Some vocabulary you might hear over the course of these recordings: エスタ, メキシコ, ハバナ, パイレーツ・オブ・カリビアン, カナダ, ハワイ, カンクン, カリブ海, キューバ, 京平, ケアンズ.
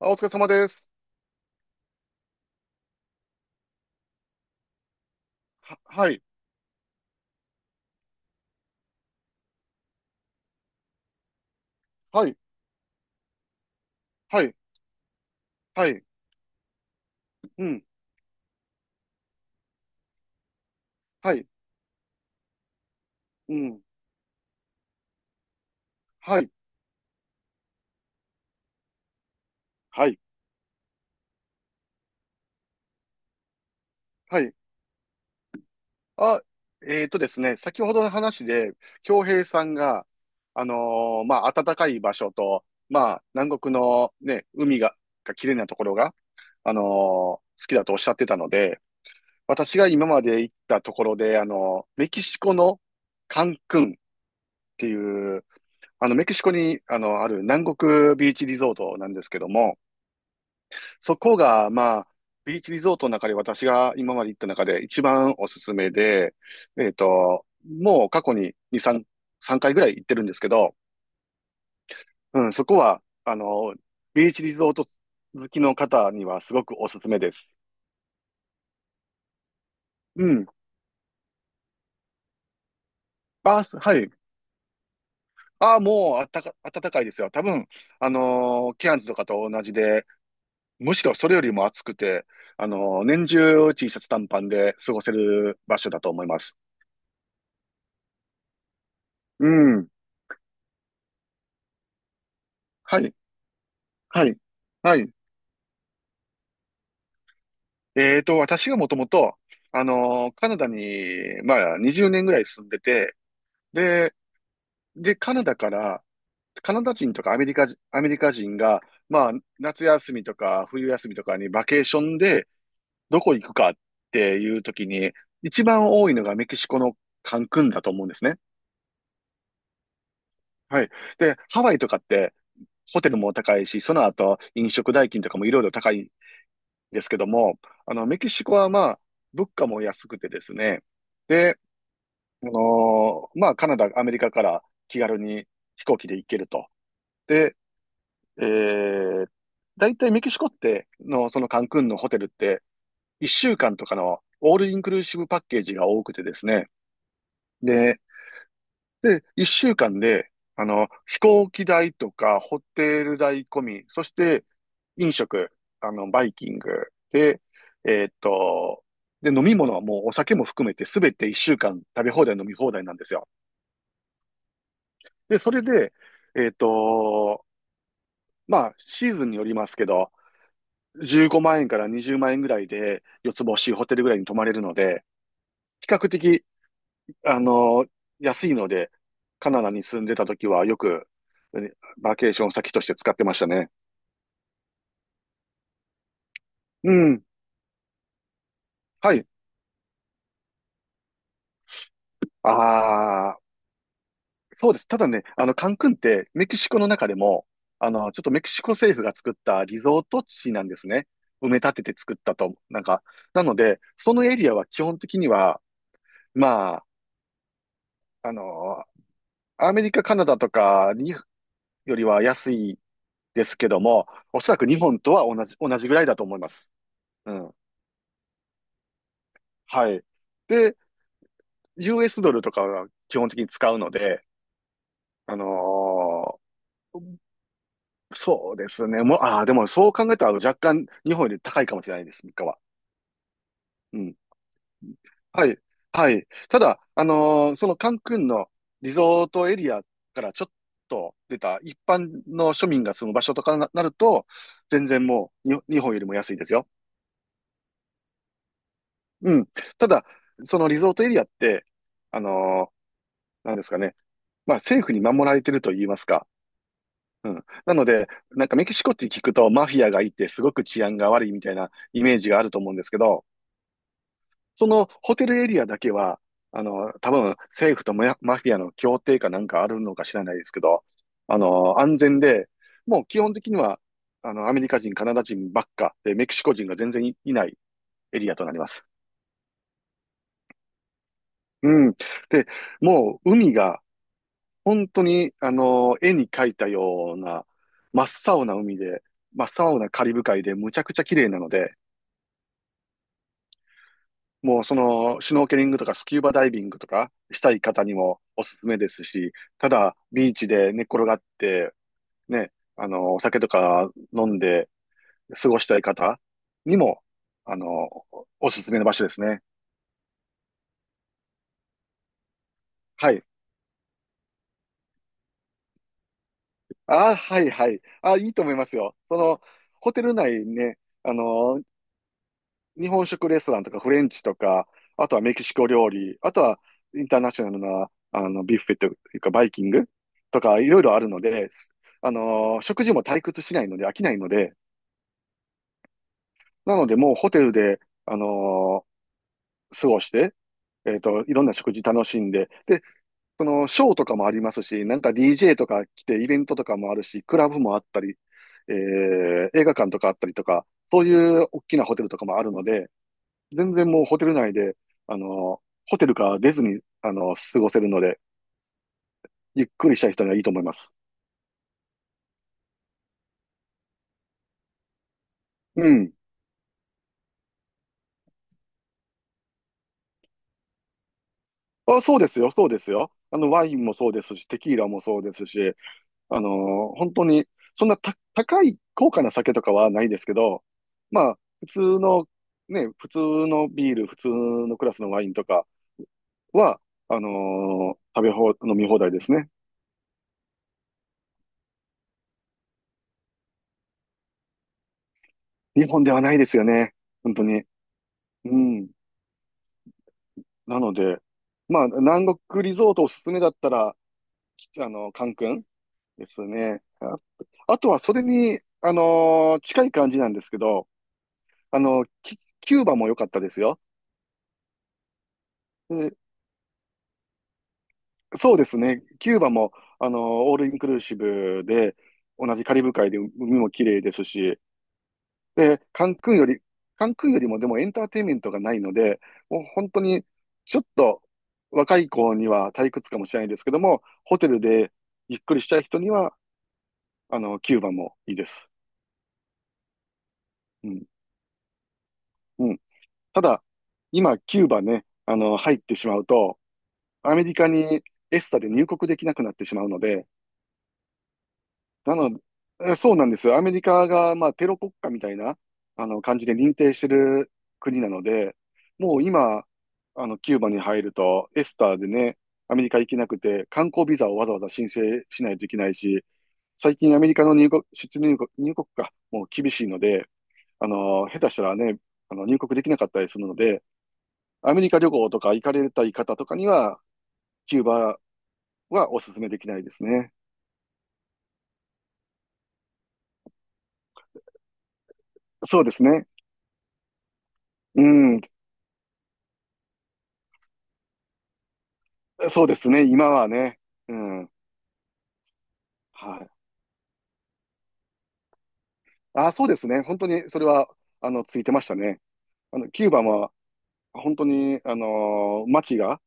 あ、お疲れ様です。ははい、はい、はい、はい、うん、はい、うん、はい、はい、はい。あ、ですね、先ほどの話で、京平さんが、まあ、暖かい場所と、まあ、南国のね、海が綺麗なところが、あの好きだとおっしゃってたので、私が今まで行ったところで、メキシコのカンクンっていう、メキシコに、ある南国ビーチリゾートなんですけども、そこが、まあ、ビーチリゾートの中で私が今まで行った中で一番おすすめで、もう過去に2、3、3回ぐらい行ってるんですけど、うん、そこは、ビーチリゾート好きの方にはすごくおすすめです。うん。バース、はい。ああ、もうあったか、暖かいですよ。多分、ケアンズとかと同じで、むしろそれよりも暑くて、年中 T シャツ短パンで過ごせる場所だと思います。うん。はい。はい。はい。私がもともと、カナダに、まあ、20年ぐらい住んでて、で、カナダから、カナダ人とかアメリカ人が、まあ、夏休みとか冬休みとかにバケーションでどこ行くかっていう時に、一番多いのがメキシコのカンクンだと思うんですね。はい。で、ハワイとかってホテルも高いし、その後飲食代金とかもいろいろ高いですけども、メキシコはまあ、物価も安くてですね、で、まあ、カナダ、アメリカから気軽に飛行機で行けると。で、えー、大体メキシコっての、そのカンクンのホテルって、1週間とかのオールインクルーシブパッケージが多くてですね、で、一週間で、飛行機代とか、ホテル代込み、そして、飲食、バイキングで、えーっと、で、飲み物はもうお酒も含めて、すべて一週間食べ放題、飲み放題なんですよ。で、それで、えーっと、まあ、シーズンによりますけど、15万円から20万円ぐらいで、四つ星ホテルぐらいに泊まれるので、比較的あの、安いので、カナダに住んでた時はよく、うんバケーション先として使ってましたね。うん。はい。ああ、そうです。ただね、カンクンってメキシコの中でも、ちょっとメキシコ政府が作ったリゾート地なんですね。埋め立てて作ったと、なんか。なので、そのエリアは基本的には、まあ、あの、アメリカ、カナダとかによりは安いですけども、おそらく日本とは同じぐらいだと思います。うん。はい。で、US ドルとかは基本的に使うので、あのーそうですね。もう、ああ、でもそう考えたら若干日本より高いかもしれないです、3かは。うん。はい。はい。ただ、そのカンクンのリゾートエリアからちょっと出た一般の庶民が住む場所とかなると、全然もうに日本よりも安いですよ。うん。ただ、そのリゾートエリアって、あのーなんですかね。まあ政府に守られてると言いますか、うん。なので、なんかメキシコって聞くとマフィアがいてすごく治安が悪いみたいなイメージがあると思うんですけど、そのホテルエリアだけは、多分政府とママフィアの協定かなんかあるのか知らないですけど、安全で、もう基本的には、アメリカ人、カナダ人ばっかで、メキシコ人が全然いないエリアとなります。うん。で、もう海が本当に、絵に描いたような、真っ青な海で、真っ青なカリブ海でむちゃくちゃ綺麗なので、もうその、シュノーケリングとかスキューバダイビングとかしたい方にもおすすめですし、ただ、ビーチで寝っ転がって、ね、お酒とか飲んで過ごしたい方にも、あの、おすすめの場所ですね。はい。あ、はい、はい。あ、いいと思いますよ。その、ホテル内ね、あの日本食レストランとかフレンチとか、あとはメキシコ料理、あとはインターナショナルな、ビュッフェというかバイキングとかいろいろあるので、食事も退屈しないので飽きないので、なのでもうホテルで、あの過ごして、いろんな食事楽しんで、で、その、ショーとかもありますし、なんか DJ とか来てイベントとかもあるし、クラブもあったり、映画館とかあったりとか、そういう大きなホテルとかもあるので、全然もうホテル内で、ホテルから出ずに、過ごせるので、ゆっくりした人にはいいと思います。うん。あ、そうですよ、そうですよ。ワインもそうですし、テキーラもそうですし、本当に、そんなた高い高価な酒とかはないですけど、まあ、普通の、ね、普通のビール、普通のクラスのワインとかは、あの食べ放、飲み放題ですね。日本ではないですよね。本当に。うん。なので、まあ、南国リゾートおすすめだったら、カンクンですね。ああとは、それに、近い感じなんですけど、キューバも良かったですよ。でそうですね。キューバも、あのーオールインクルーシブで、同じカリブ海で海も綺麗ですし、で、カンクンよりもでもエンターテインメントがないので、もう本当に、ちょっと若い子には退屈かもしれないですけども、ホテルでゆっくりしたい人には、キューバもいいです。うん。うん。ただ、今、キューバね、入ってしまうと、アメリカにエスタで入国できなくなってしまうので、なのでそうなんです。アメリカが、まあ、テロ国家みたいな、感じで認定してる国なので、もう今、キューバに入ると、エスタでね、アメリカ行けなくて、観光ビザをわざわざ申請しないといけないし、最近アメリカの入国、出入国、入国がもう厳しいので、下手したらね、入国できなかったりするので、アメリカ旅行とか行かれたい方とかには、キューバはお勧めできないですね。そうですね。うん。そうですね。今はね。うん。はい。あ、そうですね。本当にそれは、ついてましたね。キューバも本当に、街が、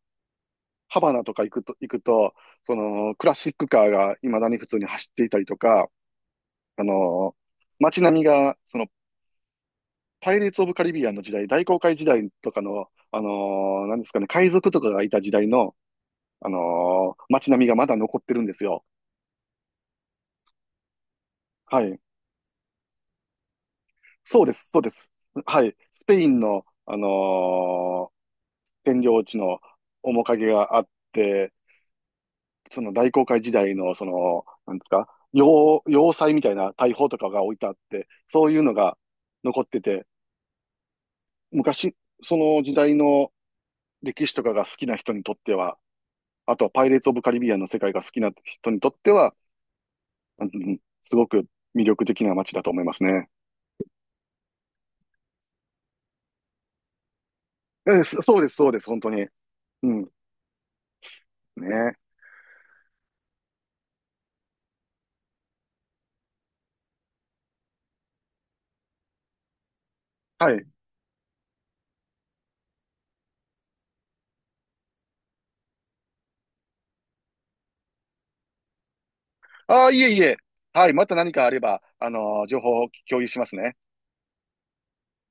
ハバナとか行くと、その、クラシックカーが未だに普通に走っていたりとか、あのー街並みが、その、パイレーツ・オブ・カリビアンの時代、大航海時代とかの、なんですかね、海賊とかがいた時代の、街並みがまだ残ってるんですよ。はい。そうです、そうです。はい。スペインの、占領地の面影があって、その大航海時代の、その、なんですか、要塞みたいな大砲とかが置いてあって、そういうのが残ってて、昔、その時代の歴史とかが好きな人にとっては、あとはパイレーツ・オブ・カリビアンの世界が好きな人にとっては、うんすごく魅力的な街だと思いますね。そうです、そうです、本当に。うん、ね。はい。ああ、いえいえ。はい、また何かあれば、情報を共有しますね。